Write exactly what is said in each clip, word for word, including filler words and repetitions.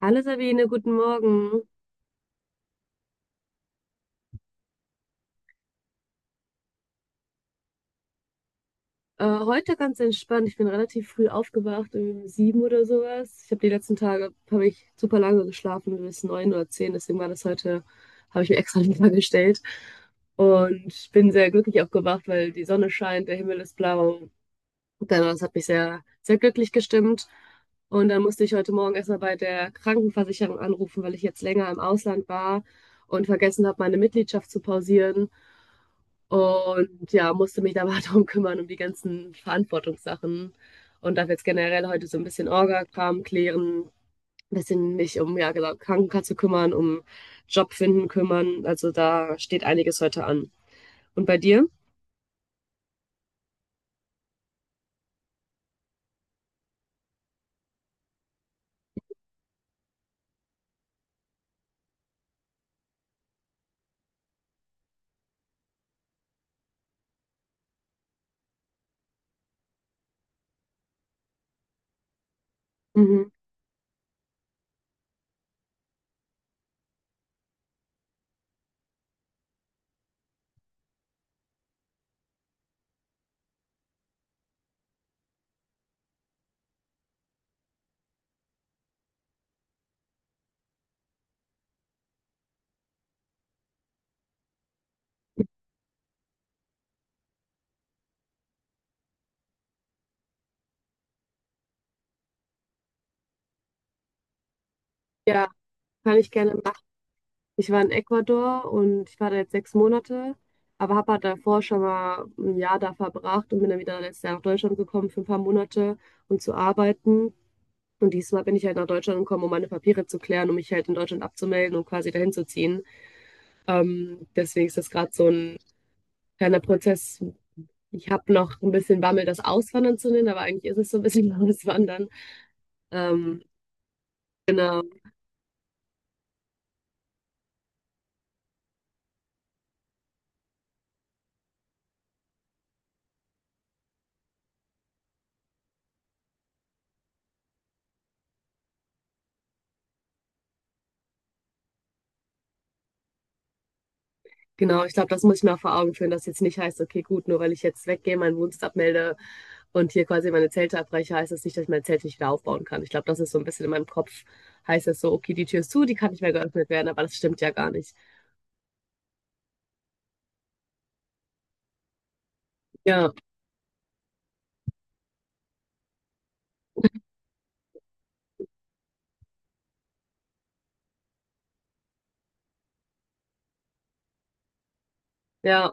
Hallo Sabine, guten Morgen. Äh, heute ganz entspannt. Ich bin relativ früh aufgewacht, um sieben oder sowas. Ich habe Die letzten Tage habe ich super lange geschlafen, bis neun oder zehn. Deswegen war das heute, habe ich mir extra lieber gestellt. Und bin sehr glücklich aufgewacht, weil die Sonne scheint, der Himmel ist blau. Und dann, das hat mich sehr, sehr glücklich gestimmt. Und dann musste ich heute Morgen erstmal bei der Krankenversicherung anrufen, weil ich jetzt länger im Ausland war und vergessen habe, meine Mitgliedschaft zu pausieren. Und ja, musste mich da mal drum kümmern, um die ganzen Verantwortungssachen. Und darf jetzt generell heute so ein bisschen Orga-Kram klären, ein bisschen mich um, ja, genau, Krankenkasse kümmern, um Job finden kümmern. Also da steht einiges heute an. Und bei dir? Mhm. Ja, kann ich gerne machen. Ich war in Ecuador und ich war da jetzt sechs Monate, aber habe halt davor schon mal ein Jahr da verbracht und bin dann wieder letztes Jahr nach Deutschland gekommen für ein paar Monate, um zu arbeiten. Und diesmal bin ich halt nach Deutschland gekommen, um meine Papiere zu klären, um mich halt in Deutschland abzumelden und quasi dahin zu ziehen. Ähm, deswegen ist das gerade so ein kleiner Prozess. Ich habe noch ein bisschen Bammel, das Auswandern zu nennen, aber eigentlich ist es so ein bisschen Auswandern. Ähm, genau, genau. Ich glaube, das muss ich mir auch vor Augen führen, dass jetzt nicht heißt, okay, gut, nur weil ich jetzt weggehe, meinen Wohnsitz abmelde und hier quasi meine Zelte abbreche, heißt das nicht, dass ich mein Zelt nicht wieder aufbauen kann. Ich glaube, das ist so ein bisschen in meinem Kopf, heißt das so, okay, die Tür ist zu, die kann nicht mehr geöffnet werden, aber das stimmt ja gar nicht. Ja, ja,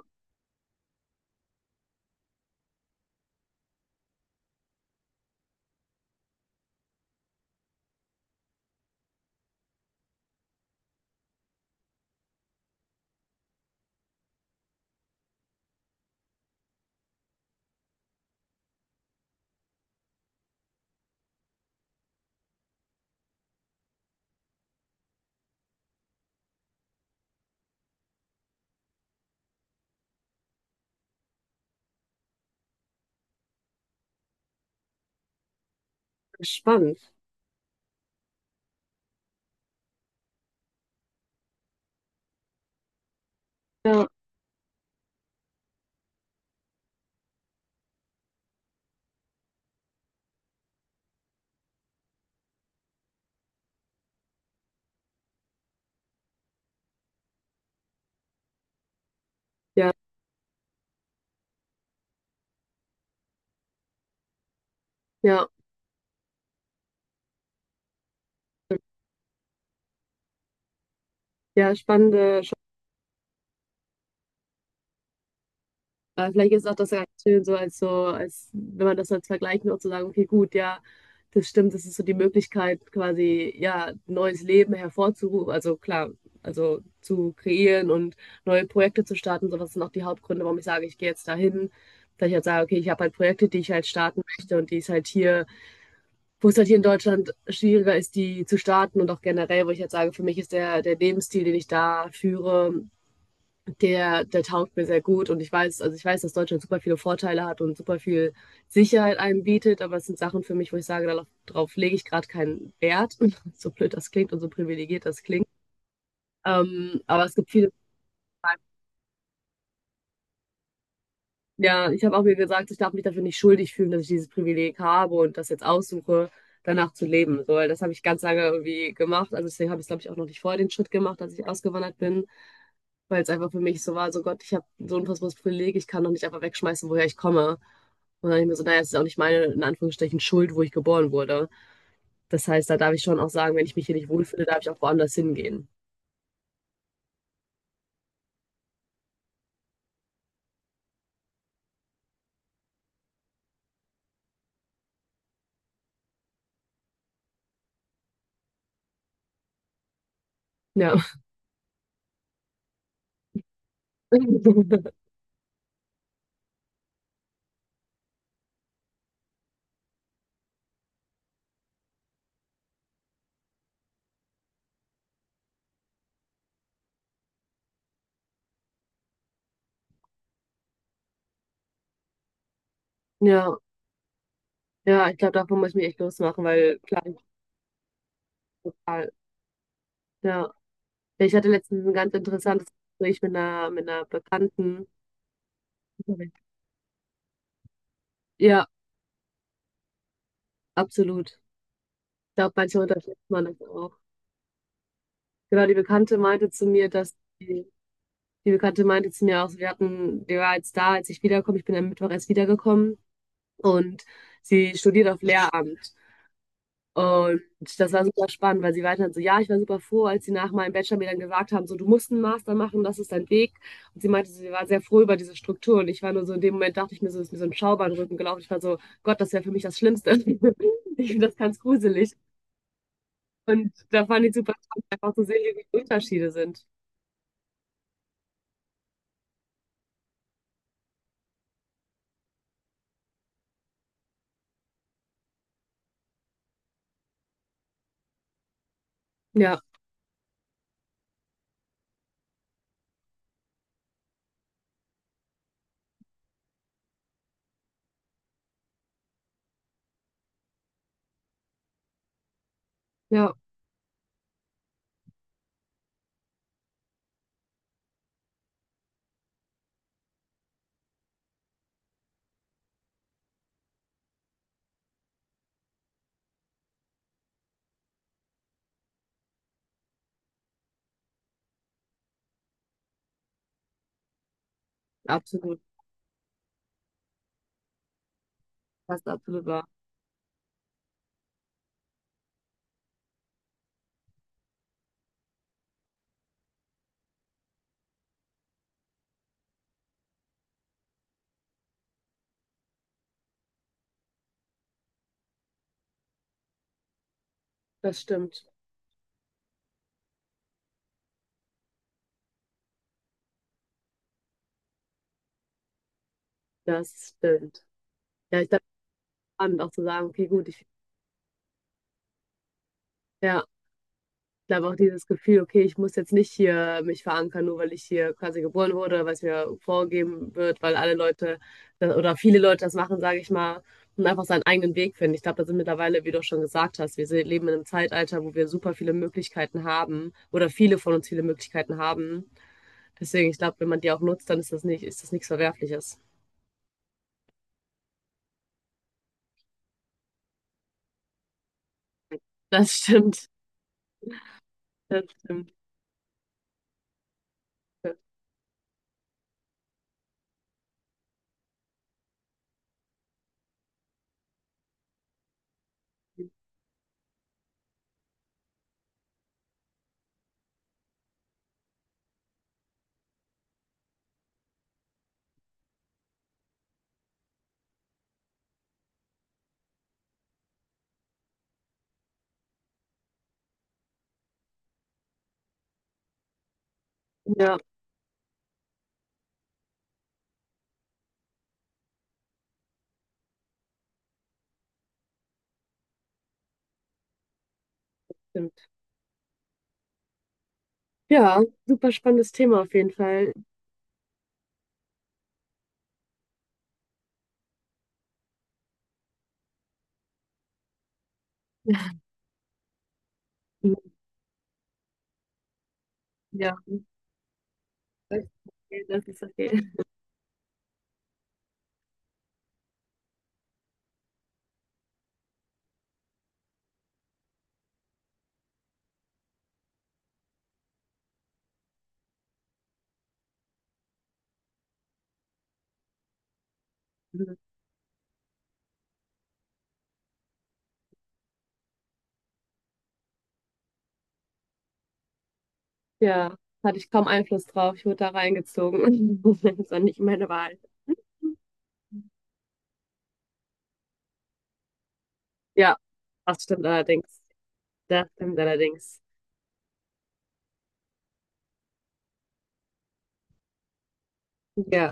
spannend. Ja, ja, ja, ja, spannende. Sch- Äh, Vielleicht ist auch das ganz schön, so als so, als wenn man das als Vergleich nur zu sagen, okay, gut, ja, das stimmt, das ist so die Möglichkeit, quasi, ja, neues Leben hervorzurufen, also klar, also zu kreieren und neue Projekte zu starten, sowas sind auch die Hauptgründe, warum ich sage, ich gehe jetzt dahin, dass ich halt sage, okay, ich habe halt Projekte, die ich halt starten möchte und die ist halt hier, wo es halt hier in Deutschland schwieriger ist, die zu starten und auch generell, wo ich halt sage, für mich ist der, der Lebensstil, den ich da führe, der, der taugt mir sehr gut und ich weiß, also ich weiß, dass Deutschland super viele Vorteile hat und super viel Sicherheit einem bietet, aber es sind Sachen für mich, wo ich sage, darauf, darauf lege ich gerade keinen Wert. So blöd das klingt und so privilegiert das klingt. Ähm, aber es gibt viele. Ja, ich habe auch mir gesagt, ich darf mich dafür nicht schuldig fühlen, dass ich dieses Privileg habe und das jetzt aussuche, danach zu leben. So, weil das habe ich ganz lange irgendwie gemacht. Also deswegen habe ich, glaube ich, auch noch nicht vorher den Schritt gemacht, als ich ausgewandert bin, weil es einfach für mich so war, so Gott, ich habe so ein unfassbares Privileg, ich kann doch nicht einfach wegschmeißen, woher ich komme. Und dann habe ich mir so, naja, es ist auch nicht meine, in Anführungsstrichen, Schuld, wo ich geboren wurde. Das heißt, da darf ich schon auch sagen, wenn ich mich hier nicht wohlfühle, darf ich auch woanders hingehen. Ja. Ja, ja, ich glaube, davon muss ich mich echt losmachen, weil klar, ich total, ja. Ich hatte letztens ein ganz interessantes Gespräch mit einer, mit einer Bekannten. Ja, absolut. Ich glaube, manchmal unterschätzt man das auch. Genau, die Bekannte meinte zu mir, dass die, die Bekannte meinte zu mir auch, wir hatten, die war jetzt da, als ich wiederkomme. Ich bin am Mittwoch erst wiedergekommen und sie studiert auf Lehramt. Und das war super spannend, weil sie weiter so, ja, ich war super froh, als sie nach meinem Bachelor mir dann gesagt haben, so, du musst einen Master machen, das ist dein Weg. Und sie meinte, so, sie war sehr froh über diese Struktur. Und ich war nur so, in dem Moment dachte ich mir so, ist mir so ein Schauer in den Rücken gelaufen. Ich war so, Gott, das wäre für mich das Schlimmste. Ich finde das ganz gruselig. Und da fand ich super spannend, einfach zu sehen, wie die Unterschiede sind. Ja, ja, absolut. Das ist absolut wahr. Das stimmt. Das stimmt. Ja, ich dachte, spannend auch zu sagen, okay, gut, ich, ja. Ich glaube auch dieses Gefühl, okay, ich muss jetzt nicht hier mich verankern, nur weil ich hier quasi geboren wurde, weil es mir vorgegeben wird, weil alle Leute da- oder viele Leute das machen, sage ich mal, und einfach seinen eigenen Weg finden. Ich glaube, da sind mittlerweile, wie du auch schon gesagt hast, wir se- leben in einem Zeitalter, wo wir super viele Möglichkeiten haben oder viele von uns viele Möglichkeiten haben. Deswegen, ich glaube, wenn man die auch nutzt, dann ist das nicht, ist das nichts Verwerfliches. Das stimmt. Das stimmt. Ja, stimmt. Ja, super spannendes Thema auf jeden Fall. Ja. Das ist okay, das ist okay. Mhm. Ja, hatte ich kaum Einfluss drauf. Ich wurde da reingezogen. Das war nicht meine Wahl. Ja, das stimmt allerdings. Das stimmt allerdings. Ja,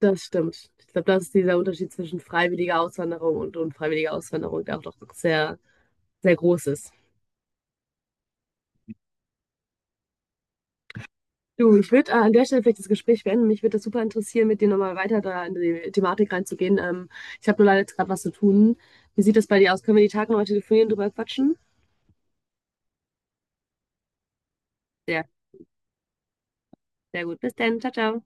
das stimmt. Ich glaube, das ist dieser Unterschied zwischen freiwilliger Auswanderung und unfreiwilliger Auswanderung, der auch doch sehr, sehr groß ist. Du, ich würde an der Stelle vielleicht das Gespräch beenden. Mich würde das super interessieren, mit dir nochmal weiter da in die Thematik reinzugehen. Ähm, ich habe nur leider jetzt gerade was zu tun. Wie sieht das bei dir aus? Können wir die Tage nochmal telefonieren, drüber quatschen? Sehr Sehr gut. Bis dann. Ciao, ciao.